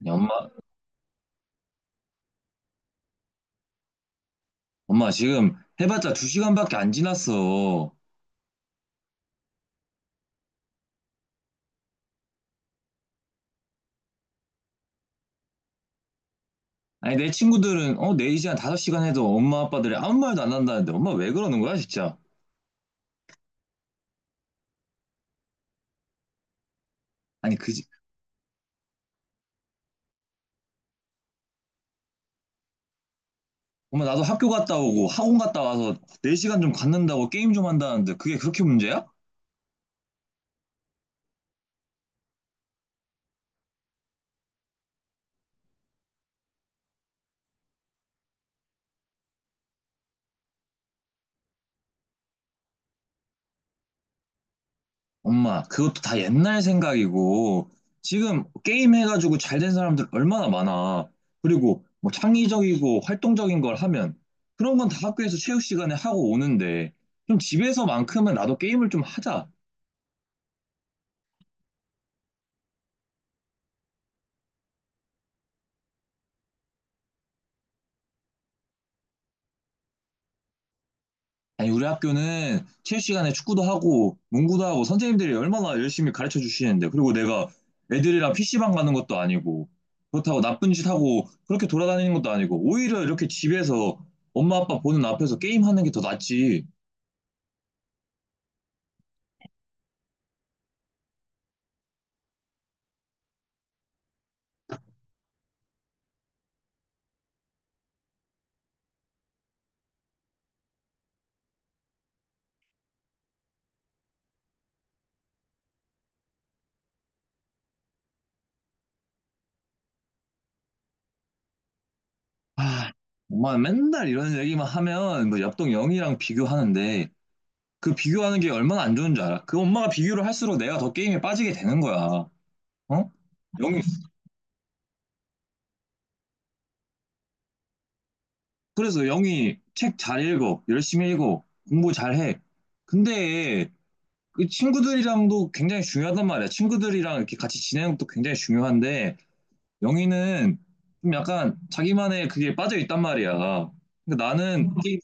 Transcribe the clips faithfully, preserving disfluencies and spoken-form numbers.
아니, 엄마, 엄마 지금 해봤자 두 시간밖에 안 지났어. 아니 내 친구들은 어, 네 시간, 다섯 시간 해도 엄마 아빠들이 아무 말도 안 한다는데 엄마 왜 그러는 거야 진짜? 아니 그 지- 엄마 나도 학교 갔다 오고 학원 갔다 와서 네 시간 좀 갖는다고 게임 좀 한다는데 그게 그렇게 문제야? 엄마 그것도 다 옛날 생각이고 지금 게임 해가지고 잘 된 사람들 얼마나 많아. 그리고 뭐 창의적이고 활동적인 걸 하면 그런 건 다 학교에서 체육 시간에 하고 오는데 좀 집에서만큼은 나도 게임을 좀 하자. 아니, 우리 학교는 체육 시간에 축구도 하고 농구도 하고 선생님들이 얼마나 열심히 가르쳐 주시는데 그리고 내가 애들이랑 피씨방 가는 것도 아니고 그렇다고 나쁜 짓 하고 그렇게 돌아다니는 것도 아니고 오히려 이렇게 집에서 엄마 아빠 보는 앞에서 게임하는 게 더 낫지. 아, 엄마 맨날 이런 얘기만 하면 뭐 옆동 영희랑 비교하는데 그 비교하는 게 얼마나 안 좋은 줄 알아? 그 엄마가 비교를 할수록 내가 더 게임에 빠지게 되는 거야. 어? 영희 그래서 영희 책 잘 읽어, 열심히 읽어, 공부 잘 해. 근데 그 친구들이랑도 굉장히 중요하단 말이야. 친구들이랑 이렇게 같이 지내는 것도 굉장히 중요한데 영희는 좀 약간 자기만의 그게 빠져 있단 말이야. 근데 나는 게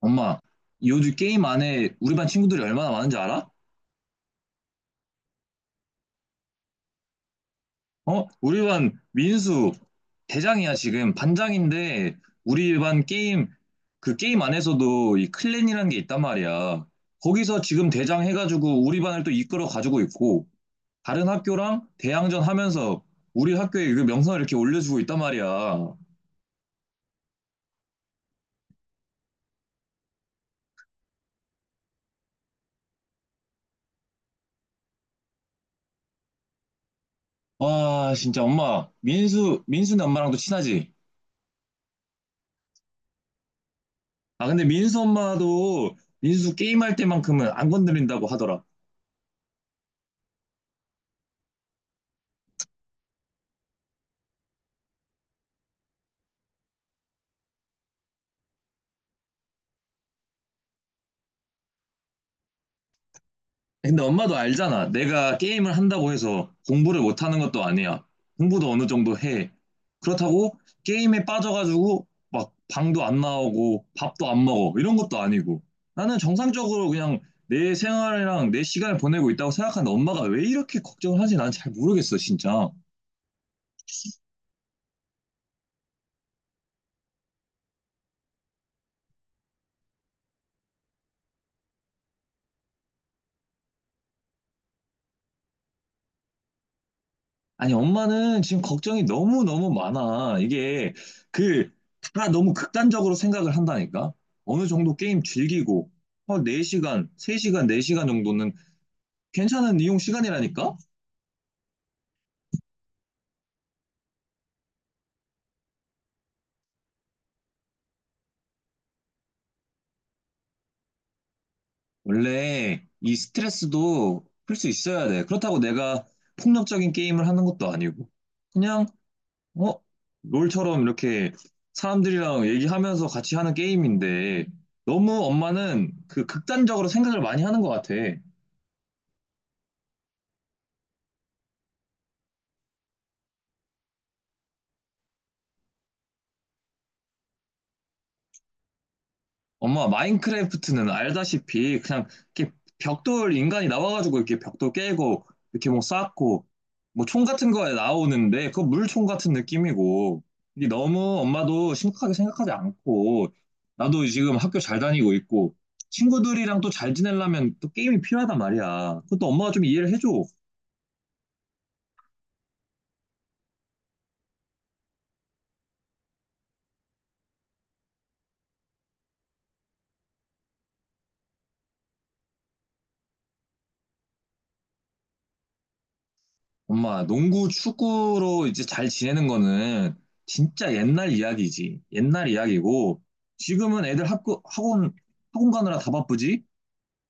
엄마, 요즘 게임 안에 우리 반 친구들이 얼마나 많은지 알아? 어? 우리 반 민수 대장이야 지금 반장인데 우리 반 게임 그 게임 안에서도 이 클랜이라는 게 있단 말이야. 거기서 지금 대장 해가지고 우리 반을 또 이끌어 가지고 있고 다른 학교랑 대항전 하면서 우리 학교의 그 명성을 이렇게 올려주고 있단 말이야. 와 진짜 엄마 민수 민수네 엄마랑도 친하지? 아 근데 민수 엄마도 민수 게임할 때만큼은 안 건드린다고 하더라. 근데 엄마도 알잖아. 내가 게임을 한다고 해서 공부를 못하는 것도 아니야. 공부도 어느 정도 해. 그렇다고 게임에 빠져가지고 막 방도 안 나오고 밥도 안 먹어. 이런 것도 아니고. 나는 정상적으로 그냥 내 생활이랑 내 시간을 보내고 있다고 생각하는데 엄마가 왜 이렇게 걱정을 하지? 난 잘 모르겠어, 진짜. 아니, 엄마는 지금 걱정이 너무너무 많아. 이게, 그, 다 너무 극단적으로 생각을 한다니까? 어느 정도 게임 즐기고, 한 네 시간, 세 시간, 네 시간 정도는 괜찮은 이용 시간이라니까? 원래 이 스트레스도 풀 수 있어야 돼. 그렇다고 내가 폭력적인 게임을 하는 것도 아니고, 그냥, 어? 롤처럼 이렇게 사람들이랑 얘기하면서 같이 하는 게임인데, 너무 엄마는 그 극단적으로 생각을 많이 하는 것 같아. 엄마 마인크래프트는 알다시피 그냥 이렇게 벽돌 인간이 나와가지고 이렇게 벽돌 깨고 이렇게 뭐 쌓고 뭐 총 같은 거에 나오는데 그거 물총 같은 느낌이고 이게 너무 엄마도 심각하게 생각하지 않고 나도 지금 학교 잘 다니고 있고 친구들이랑 또 잘 지내려면 또 게임이 필요하단 말이야. 그것도 엄마가 좀 이해를 해줘. 엄마, 농구, 축구로 이제 잘 지내는 거는 진짜 옛날 이야기지. 옛날 이야기고, 지금은 애들 학교, 학원, 학원 가느라 다 바쁘지?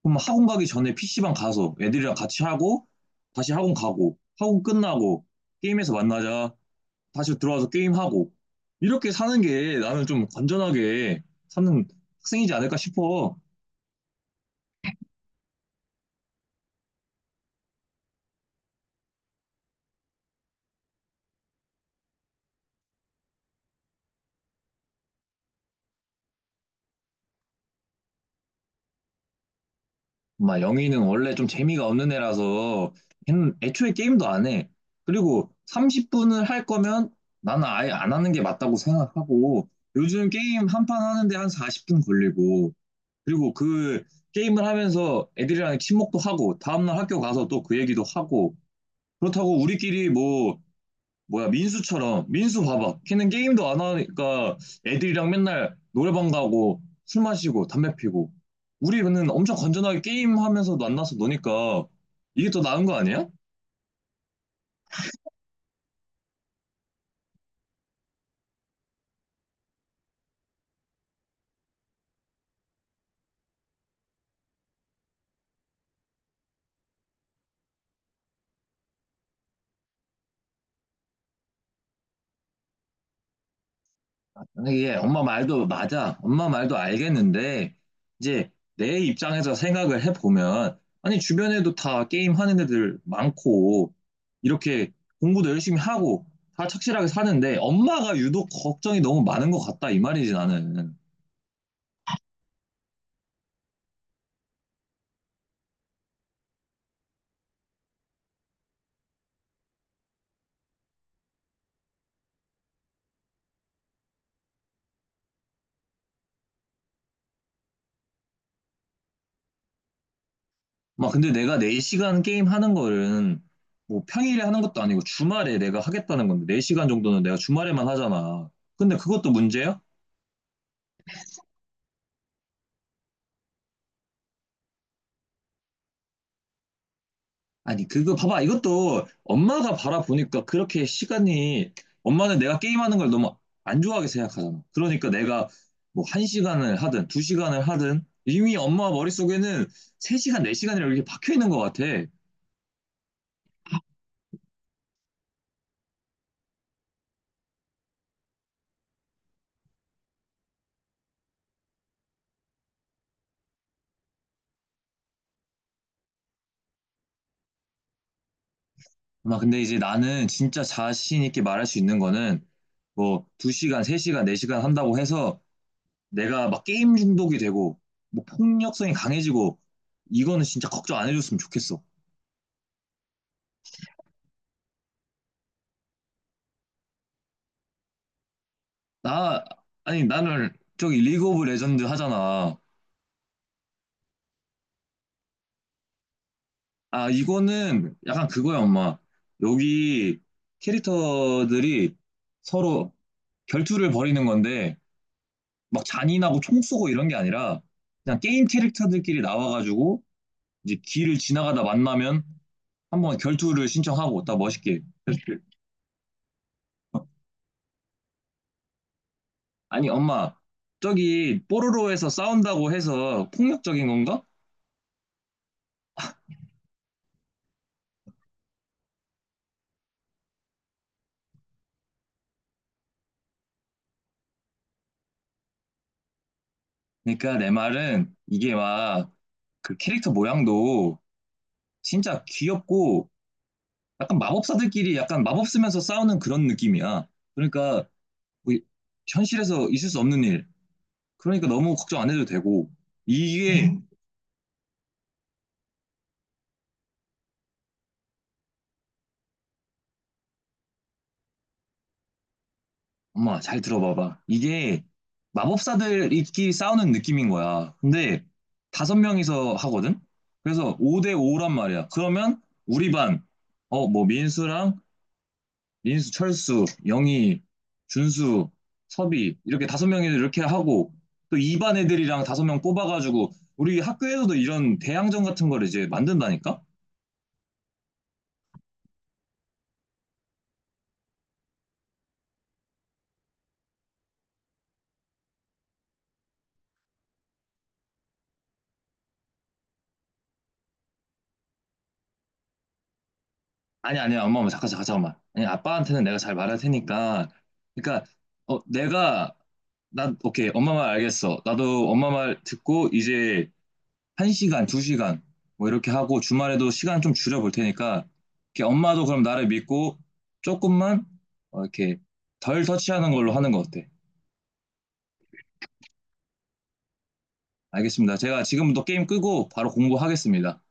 그럼 학원 가기 전에 피씨방 가서 애들이랑 같이 하고, 다시 학원 가고, 학원 끝나고, 게임에서 만나자, 다시 들어와서 게임하고, 이렇게 사는 게 나는 좀 건전하게 사는 학생이지 않을까 싶어. 막 영희는 원래 좀 재미가 없는 애라서 걔는 애초에 게임도 안 해. 그리고 삼십 분을 할 거면 나는 아예 안 하는 게 맞다고 생각하고 요즘 게임 한 판 하는데 한 사십 분 걸리고 그리고 그 게임을 하면서 애들이랑 친목도 하고 다음날 학교 가서 또 그 얘기도 하고 그렇다고 우리끼리 뭐 뭐야 민수처럼 민수 봐봐 걔는 게임도 안 하니까 애들이랑 맨날 노래방 가고 술 마시고 담배 피고 우리는 엄청 건전하게 게임하면서 만나서 노니까 이게 더 나은 거 아니야? 이게 엄마 말도 맞아. 엄마 말도 알겠는데, 이제 내 입장에서 생각을 해보면, 아니, 주변에도 다 게임하는 애들 많고, 이렇게 공부도 열심히 하고, 다 착실하게 사는데, 엄마가 유독 걱정이 너무 많은 것 같다, 이 말이지, 나는. 막 근데 내가 네 시간 게임 하는 거는 뭐 평일에 하는 것도 아니고 주말에 내가 하겠다는 건데 네 시간 정도는 내가 주말에만 하잖아. 근데 그것도 문제야? 아니 그거 봐봐 이것도 엄마가 바라보니까 그렇게 시간이 엄마는 내가 게임하는 걸 너무 안 좋아하게 생각하잖아. 그러니까 내가 뭐 한 시간을 하든 두 시간을 하든 이미 엄마 머릿속에는 세 시간, 네 시간이라고 이렇게 박혀 있는 것 같아. 막 근데 이제 나는 진짜 자신 있게 말할 수 있는 거는 뭐 두 시간 세 시간 네 시간 한다고 해서 내가 막 게임 중독이 되고 뭐 폭력성이 강해지고 이거는 진짜 걱정 안 해줬으면 좋겠어. 나 아니 나는 저기 리그 오브 레전드 하잖아. 아 이거는 약간 그거야 엄마. 여기 캐릭터들이 서로 결투를 벌이는 건데 막 잔인하고 총 쏘고 이런 게 아니라 그냥 게임 캐릭터들끼리 나와가지고 이제 길을 지나가다 만나면 한번 결투를 신청하고 딱 멋있게. 아니, 엄마, 저기 뽀로로에서 싸운다고 해서 폭력적인 건가? 그러니까 내 말은 이게 막 그 캐릭터 모양도 진짜 귀엽고 약간 마법사들끼리 약간 마법 쓰면서 싸우는 그런 느낌이야. 그러니까 뭐 현실에서 있을 수 없는 일. 그러니까 너무 걱정 안 해도 되고 이게 엄마, 잘 들어봐봐. 이게 마법사들끼리 싸우는 느낌인 거야. 근데 다섯 명이서 하거든? 그래서 오 대 오란 말이야. 그러면 우리 반, 어, 뭐, 민수랑, 민수, 철수, 영희, 준수, 섭이, 이렇게 다섯 명이 이렇게 하고, 또 이 반 애들이랑 다섯 명 뽑아가지고, 우리 학교에서도 이런 대항전 같은 걸 이제 만든다니까? 아니, 아니, 엄마, 엄마, 잠깐, 잠깐, 잠깐만. 아니, 아빠한테는 내가 잘 말할 테니까. 그러니까, 어, 내가 난 오케이 엄마 말 알겠어. 나도 엄마 말 듣고 이제 한 시간, 두 시간 뭐 이렇게 하고 주말에도 시간 좀 줄여볼 테니까 이렇게 엄마도 그럼 나를 믿고 조금만 어, 이렇게 덜 터치하는 걸로 하는 거 어때? 알겠습니다. 제가 지금부터 게임 끄고 바로 공부하겠습니다.